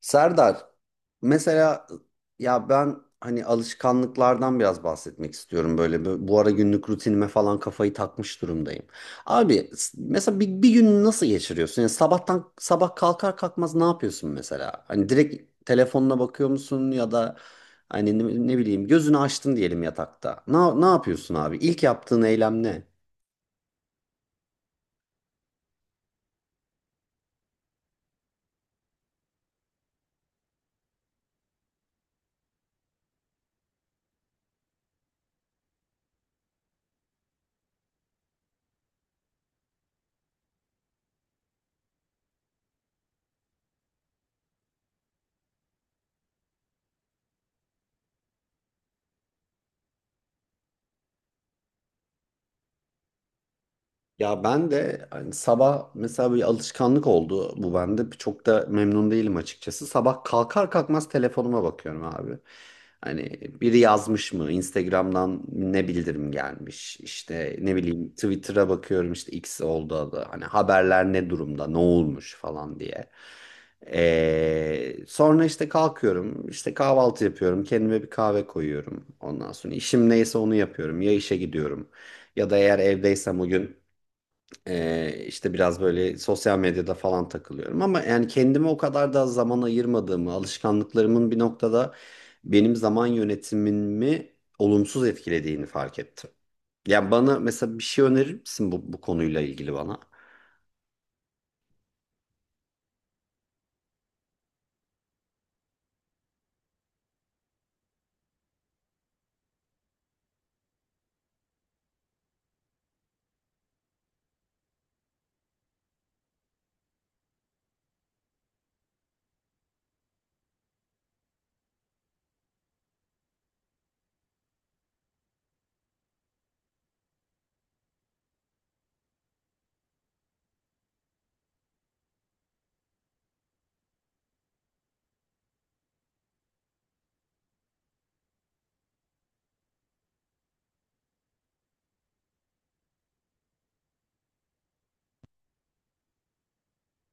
Serdar, mesela ya ben hani alışkanlıklardan biraz bahsetmek istiyorum böyle bu ara günlük rutinime falan kafayı takmış durumdayım. Abi mesela bir gün nasıl geçiriyorsun? Yani sabahtan sabah kalkar kalkmaz ne yapıyorsun mesela? Hani direkt telefonuna bakıyor musun ya da hani ne bileyim gözünü açtın diyelim yatakta. Ne yapıyorsun abi? İlk yaptığın eylem ne? Ya ben de hani sabah mesela bir alışkanlık oldu bu bende. Çok da memnun değilim açıkçası. Sabah kalkar kalkmaz telefonuma bakıyorum abi. Hani biri yazmış mı? Instagram'dan ne bildirim gelmiş? İşte ne bileyim Twitter'a bakıyorum, işte X oldu adı. Hani haberler ne durumda? Ne olmuş falan diye. Sonra işte kalkıyorum, işte kahvaltı yapıyorum, kendime bir kahve koyuyorum. Ondan sonra işim neyse onu yapıyorum. Ya işe gidiyorum ya da eğer evdeysem o gün işte biraz böyle sosyal medyada falan takılıyorum, ama yani kendime o kadar da zaman ayırmadığımı, alışkanlıklarımın bir noktada benim zaman yönetimimi olumsuz etkilediğini fark ettim. Yani bana mesela bir şey önerir misin bu konuyla ilgili bana?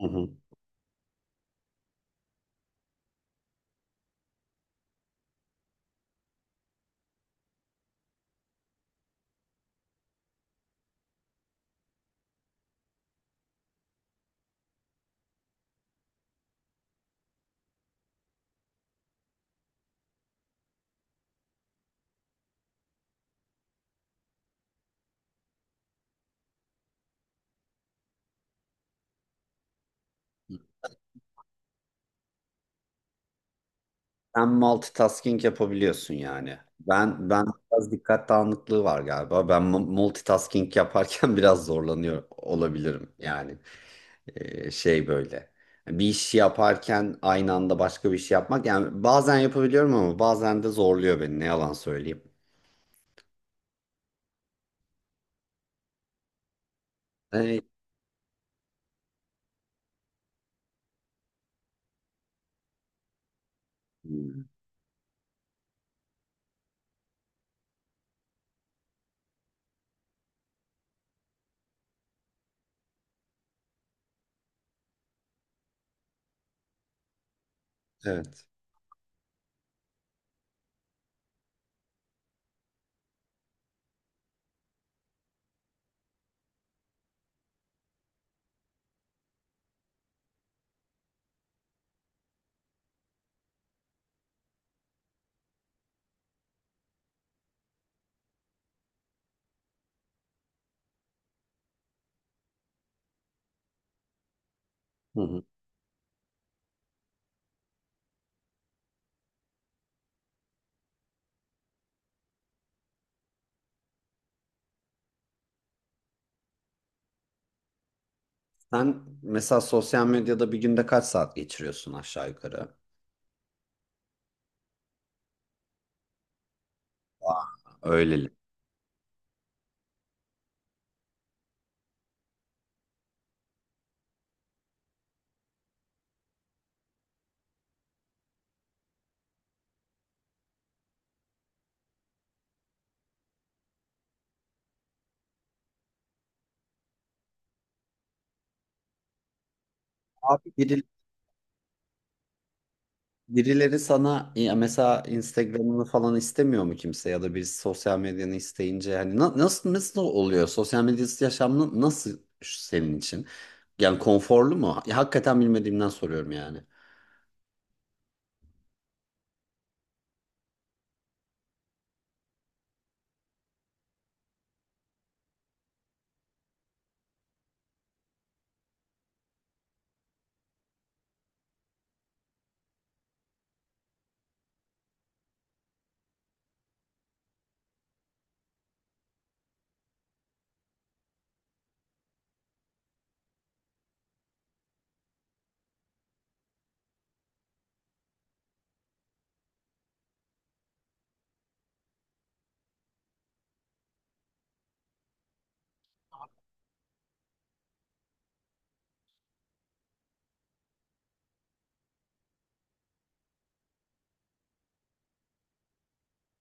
Hı hı. Sen multitasking yapabiliyorsun yani. Ben biraz dikkat dağınıklığı var galiba. Ben multitasking yaparken biraz zorlanıyor olabilirim yani. Şey böyle. Bir iş yaparken aynı anda başka bir şey yapmak. Yani bazen yapabiliyorum ama bazen de zorluyor beni. Ne yalan söyleyeyim. Ee, evet. Hı hı. Sen mesela sosyal medyada bir günde kaç saat geçiriyorsun aşağı yukarı? Aa, öyleli. Abi, birileri sana ya mesela Instagram'ını falan istemiyor mu kimse ya da birisi sosyal medyanı isteyince hani nasıl oluyor? Sosyal medyası yaşamın nasıl senin için? Yani konforlu mu? Ya, hakikaten bilmediğimden soruyorum yani.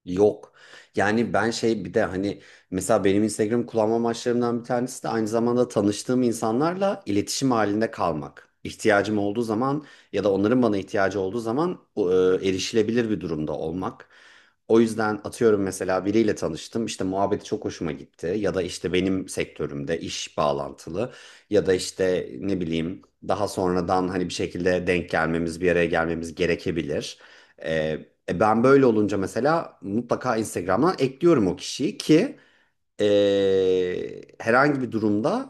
Yok. Yani ben şey bir de hani mesela benim Instagram kullanma amaçlarımdan bir tanesi de aynı zamanda tanıştığım insanlarla iletişim halinde kalmak. İhtiyacım olduğu zaman ya da onların bana ihtiyacı olduğu zaman erişilebilir bir durumda olmak. O yüzden atıyorum mesela biriyle tanıştım, işte muhabbeti çok hoşuma gitti ya da işte benim sektörümde iş bağlantılı ya da işte ne bileyim daha sonradan hani bir şekilde denk gelmemiz, bir araya gelmemiz gerekebilir. Ben böyle olunca mesela mutlaka Instagram'dan ekliyorum o kişiyi ki herhangi bir durumda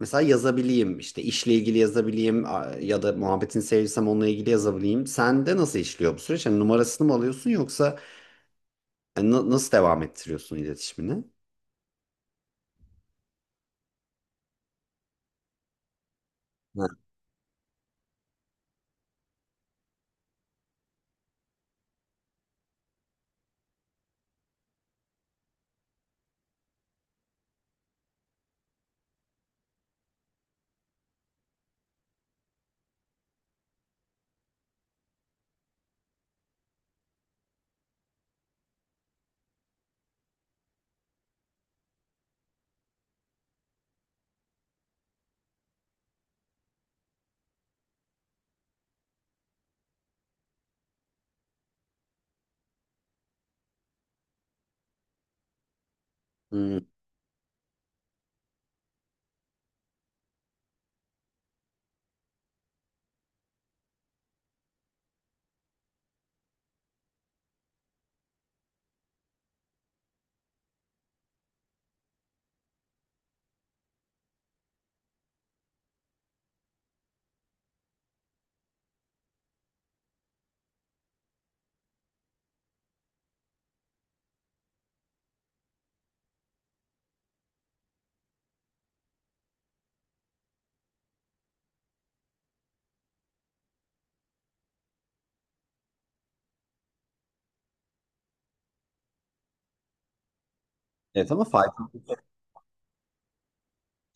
mesela yazabileyim. İşte işle ilgili yazabileyim, ya da muhabbetini sevdiysem onunla ilgili yazabileyim. Sen de nasıl işliyor bu süreç? Hani numarasını mı alıyorsun yoksa nasıl devam ettiriyorsun iletişimini? Ha. Hmm. Evet ama faydalı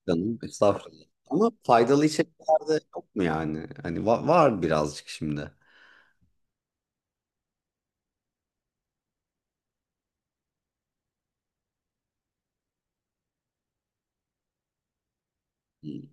canım, estağfurullah. Ama faydalı içerikler de yok mu yani? Hani var birazcık şimdi. Hmm.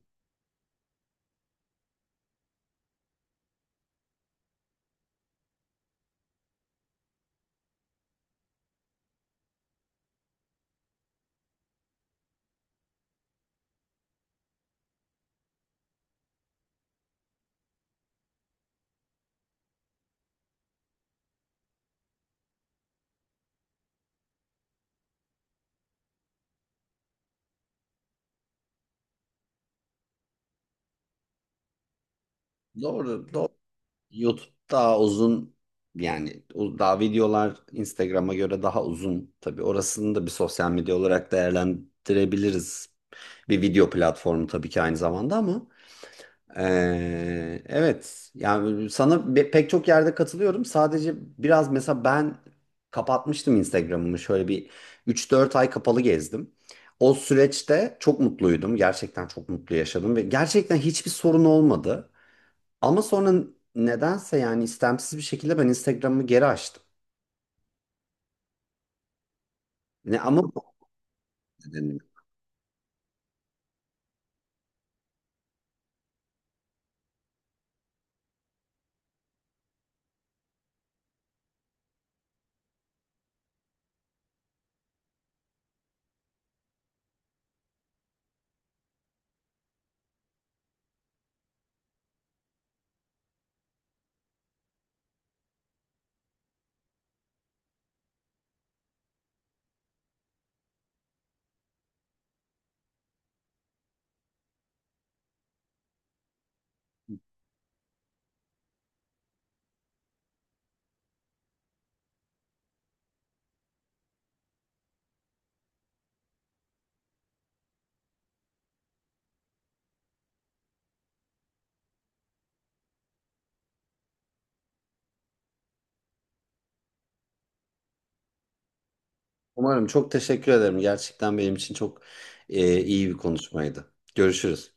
Doğru, doğru. YouTube daha uzun, yani o- daha videolar Instagram'a göre daha uzun. Tabii orasını da bir sosyal medya olarak değerlendirebiliriz. Bir video platformu tabii ki aynı zamanda, ama evet, yani sana pek çok yerde katılıyorum. Sadece biraz mesela ben kapatmıştım Instagram'ımı şöyle bir 3-4 ay kapalı gezdim. O süreçte çok mutluydum. Gerçekten çok mutlu yaşadım ve gerçekten hiçbir sorun olmadı. Ama sonra nedense yani istemsiz bir şekilde ben Instagram'ımı geri açtım. Ne ama bu nedenle. Umarım çok teşekkür ederim. Gerçekten benim için çok iyi bir konuşmaydı. Görüşürüz.